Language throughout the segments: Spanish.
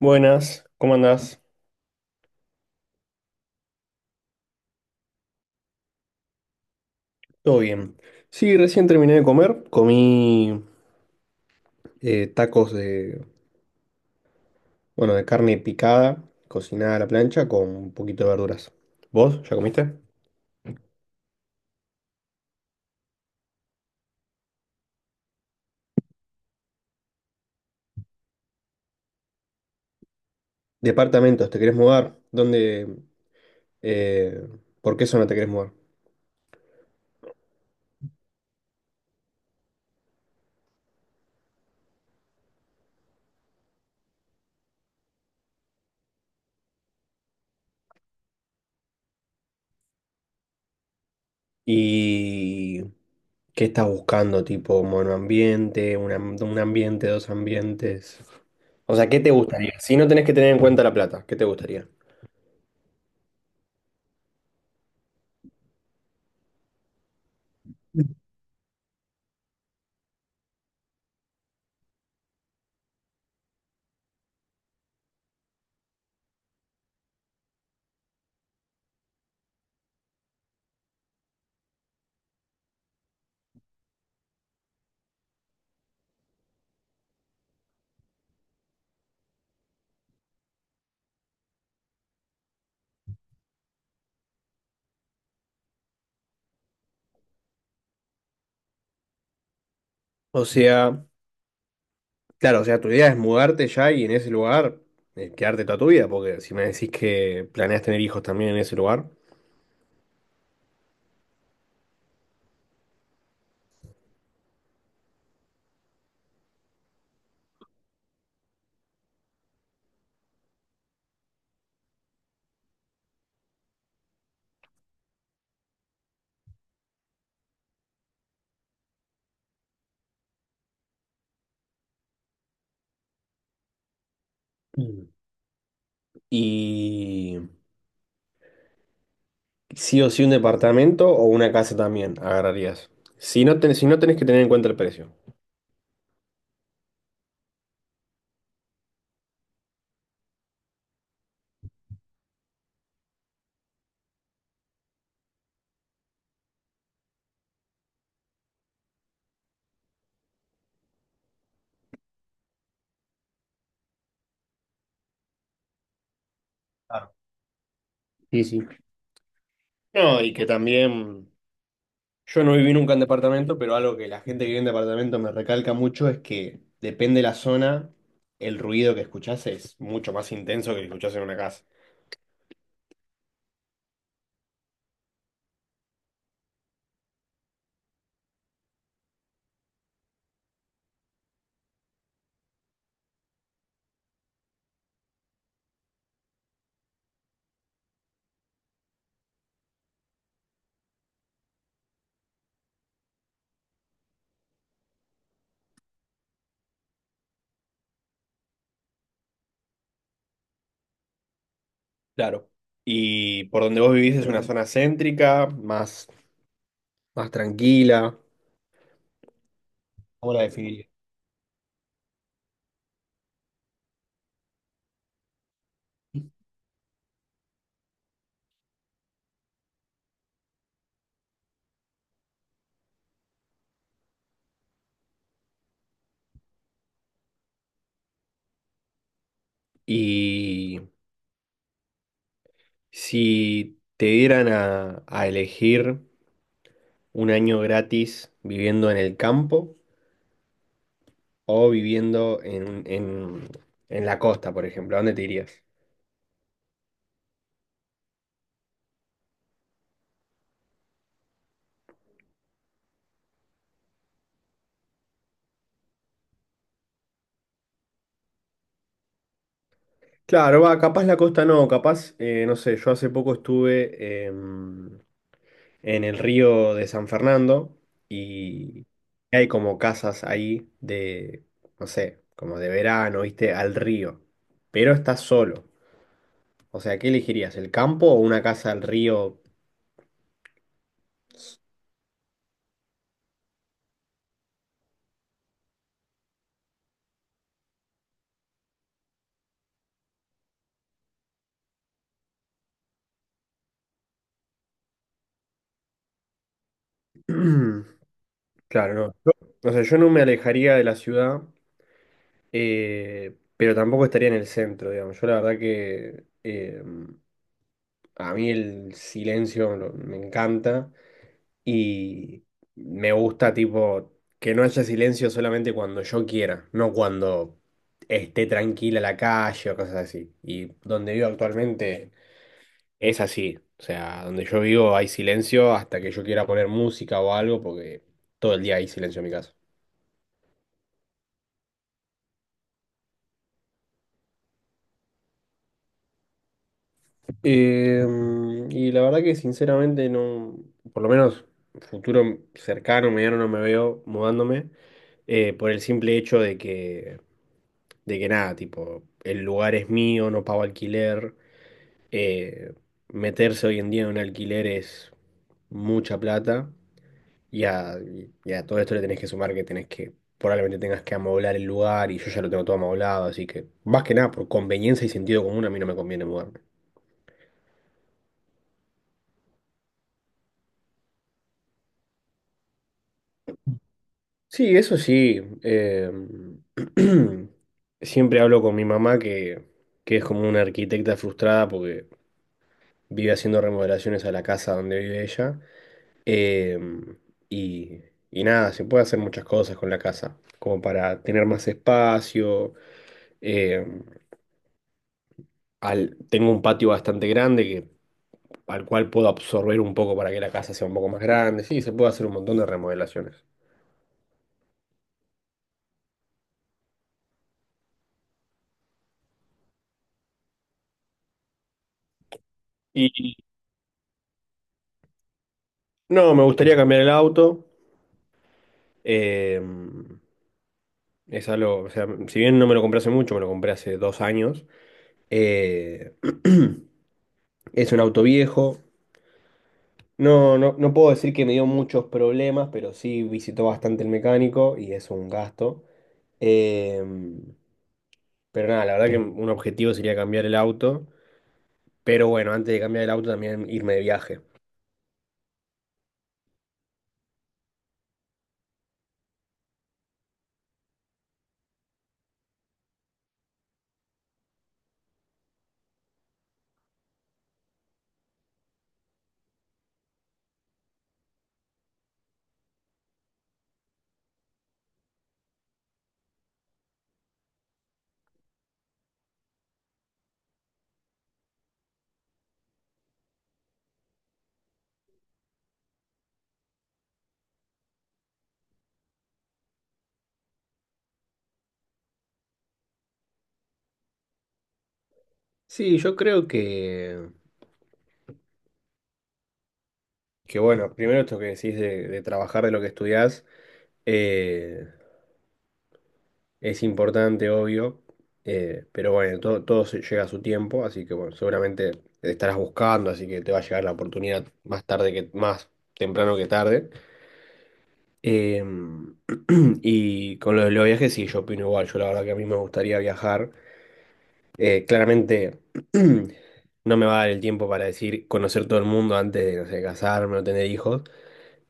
Buenas, ¿cómo andás? Todo bien. Sí, recién terminé de comer, comí tacos de, bueno, de carne picada, cocinada a la plancha con un poquito de verduras. ¿Vos ya comiste? Departamentos, ¿te querés mudar? ¿Dónde? eh, ¿Por qué zona te querés mudar? ¿Y qué estás buscando? Tipo monoambiente, un ambiente, dos ambientes. O sea, ¿qué te gustaría? Si no tenés que tener en cuenta la plata, ¿qué te gustaría? O sea, Claro, o sea, tu idea es mudarte ya y en ese lugar quedarte toda tu vida, porque si me decís que planeas tener hijos también en ese lugar. Mm. Y sí o sí un departamento o una casa también agarrarías. Si no, si no tenés que tener en cuenta el precio. Claro. Sí, sí. No, y que también yo no viví nunca en departamento, pero algo que la gente que vive en departamento me recalca mucho es que depende de la zona, el ruido que escuchás es mucho más intenso que el que escuchás en una casa. Claro. ¿Y por donde vos vivís es una zona céntrica, más, más tranquila? ¿Cómo la definiría? Y si te dieran a elegir un año gratis viviendo en el campo o viviendo en la costa, por ejemplo, ¿a dónde te irías? Claro, va, capaz la costa no, capaz, no sé, yo hace poco estuve en el río de San Fernando y hay como casas ahí de, no sé, como de verano, ¿viste? Al río, pero estás solo. O sea, ¿qué elegirías? ¿El campo o una casa al río? Claro, no. O sea, yo no me alejaría de la ciudad, pero tampoco estaría en el centro, digamos. Yo la verdad que... A mí el silencio me encanta y me gusta tipo que no haya silencio solamente cuando yo quiera, no cuando esté tranquila la calle o cosas así. Y donde vivo actualmente es así. O sea, donde yo vivo hay silencio hasta que yo quiera poner música o algo porque todo el día hay silencio en mi casa. Eh, y la verdad que sinceramente no, por lo menos futuro cercano, mediano no me veo mudándome, por el simple hecho de que nada, tipo, el lugar es mío, no pago alquiler, eh, meterse hoy en día en un alquiler es mucha plata y a, y a todo esto le tenés que sumar que probablemente tengas que amoblar el lugar y yo ya lo tengo todo amoblado, así que más que nada por conveniencia y sentido común a mí no me conviene mudarme. Sí, eso sí. Siempre hablo con mi mamá que es como una arquitecta frustrada porque vive haciendo remodelaciones a la casa donde vive ella. eh, y, y nada, se puede hacer muchas cosas con la casa, como para tener más espacio. eh, tengo un patio bastante grande al cual puedo absorber un poco para que la casa sea un poco más grande. Sí, se puede hacer un montón de remodelaciones. Y no, me gustaría cambiar el auto. eh, Es algo, o sea, si bien no me lo compré hace mucho, me lo compré hace 2 años. eh, es un auto viejo. No, no puedo decir que me dio muchos problemas, pero sí visitó bastante el mecánico y es un gasto. Em, pero nada, la verdad que un objetivo sería cambiar el auto. Pero bueno, antes de cambiar el auto también irme de viaje. Sí, yo creo que bueno, primero esto que decís de trabajar de lo que estudiás. eh, Es importante, obvio, pero bueno, llega a su tiempo, así que bueno, seguramente te estarás buscando, así que te va a llegar la oportunidad más temprano que tarde. Eh, y con lo de los viajes, sí, yo opino igual, yo la verdad que a mí me gustaría viajar. Claramente no me va a dar el tiempo para decir conocer todo el mundo antes de, no sé, casarme o tener hijos.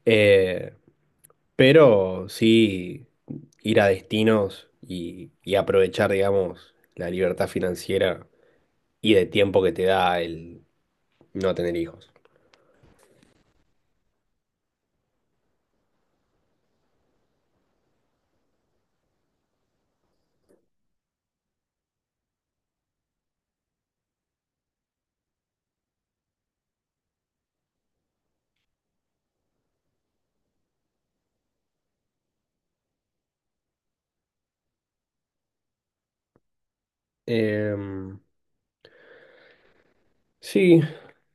Eh, Pero sí ir a destinos y aprovechar, digamos, la libertad financiera y de tiempo que te da el no tener hijos. Em, sí,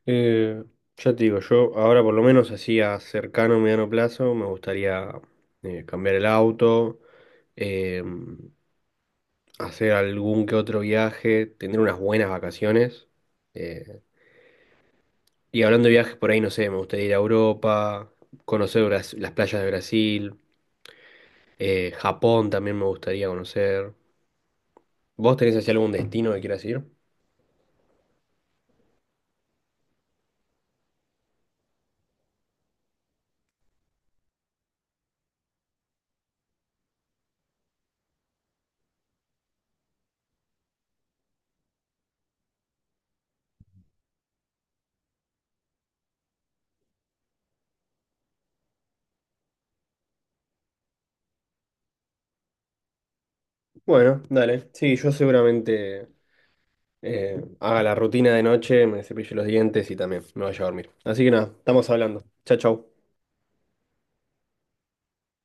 eh, ya te digo, yo ahora por lo menos así a cercano, mediano plazo, me gustaría cambiar el auto, em, hacer algún que otro viaje, tener unas buenas vacaciones. eh, Y hablando de viajes por ahí, no sé, me gustaría ir a Europa, conocer las playas de Brasil, Japón también me gustaría conocer. ¿Vos tenés hacia algún destino que quieras ir? Bueno, dale. Sí, yo seguramente haga la rutina de noche, me cepille los dientes y también me vaya a dormir. Así que nada, estamos hablando. Chao, chao.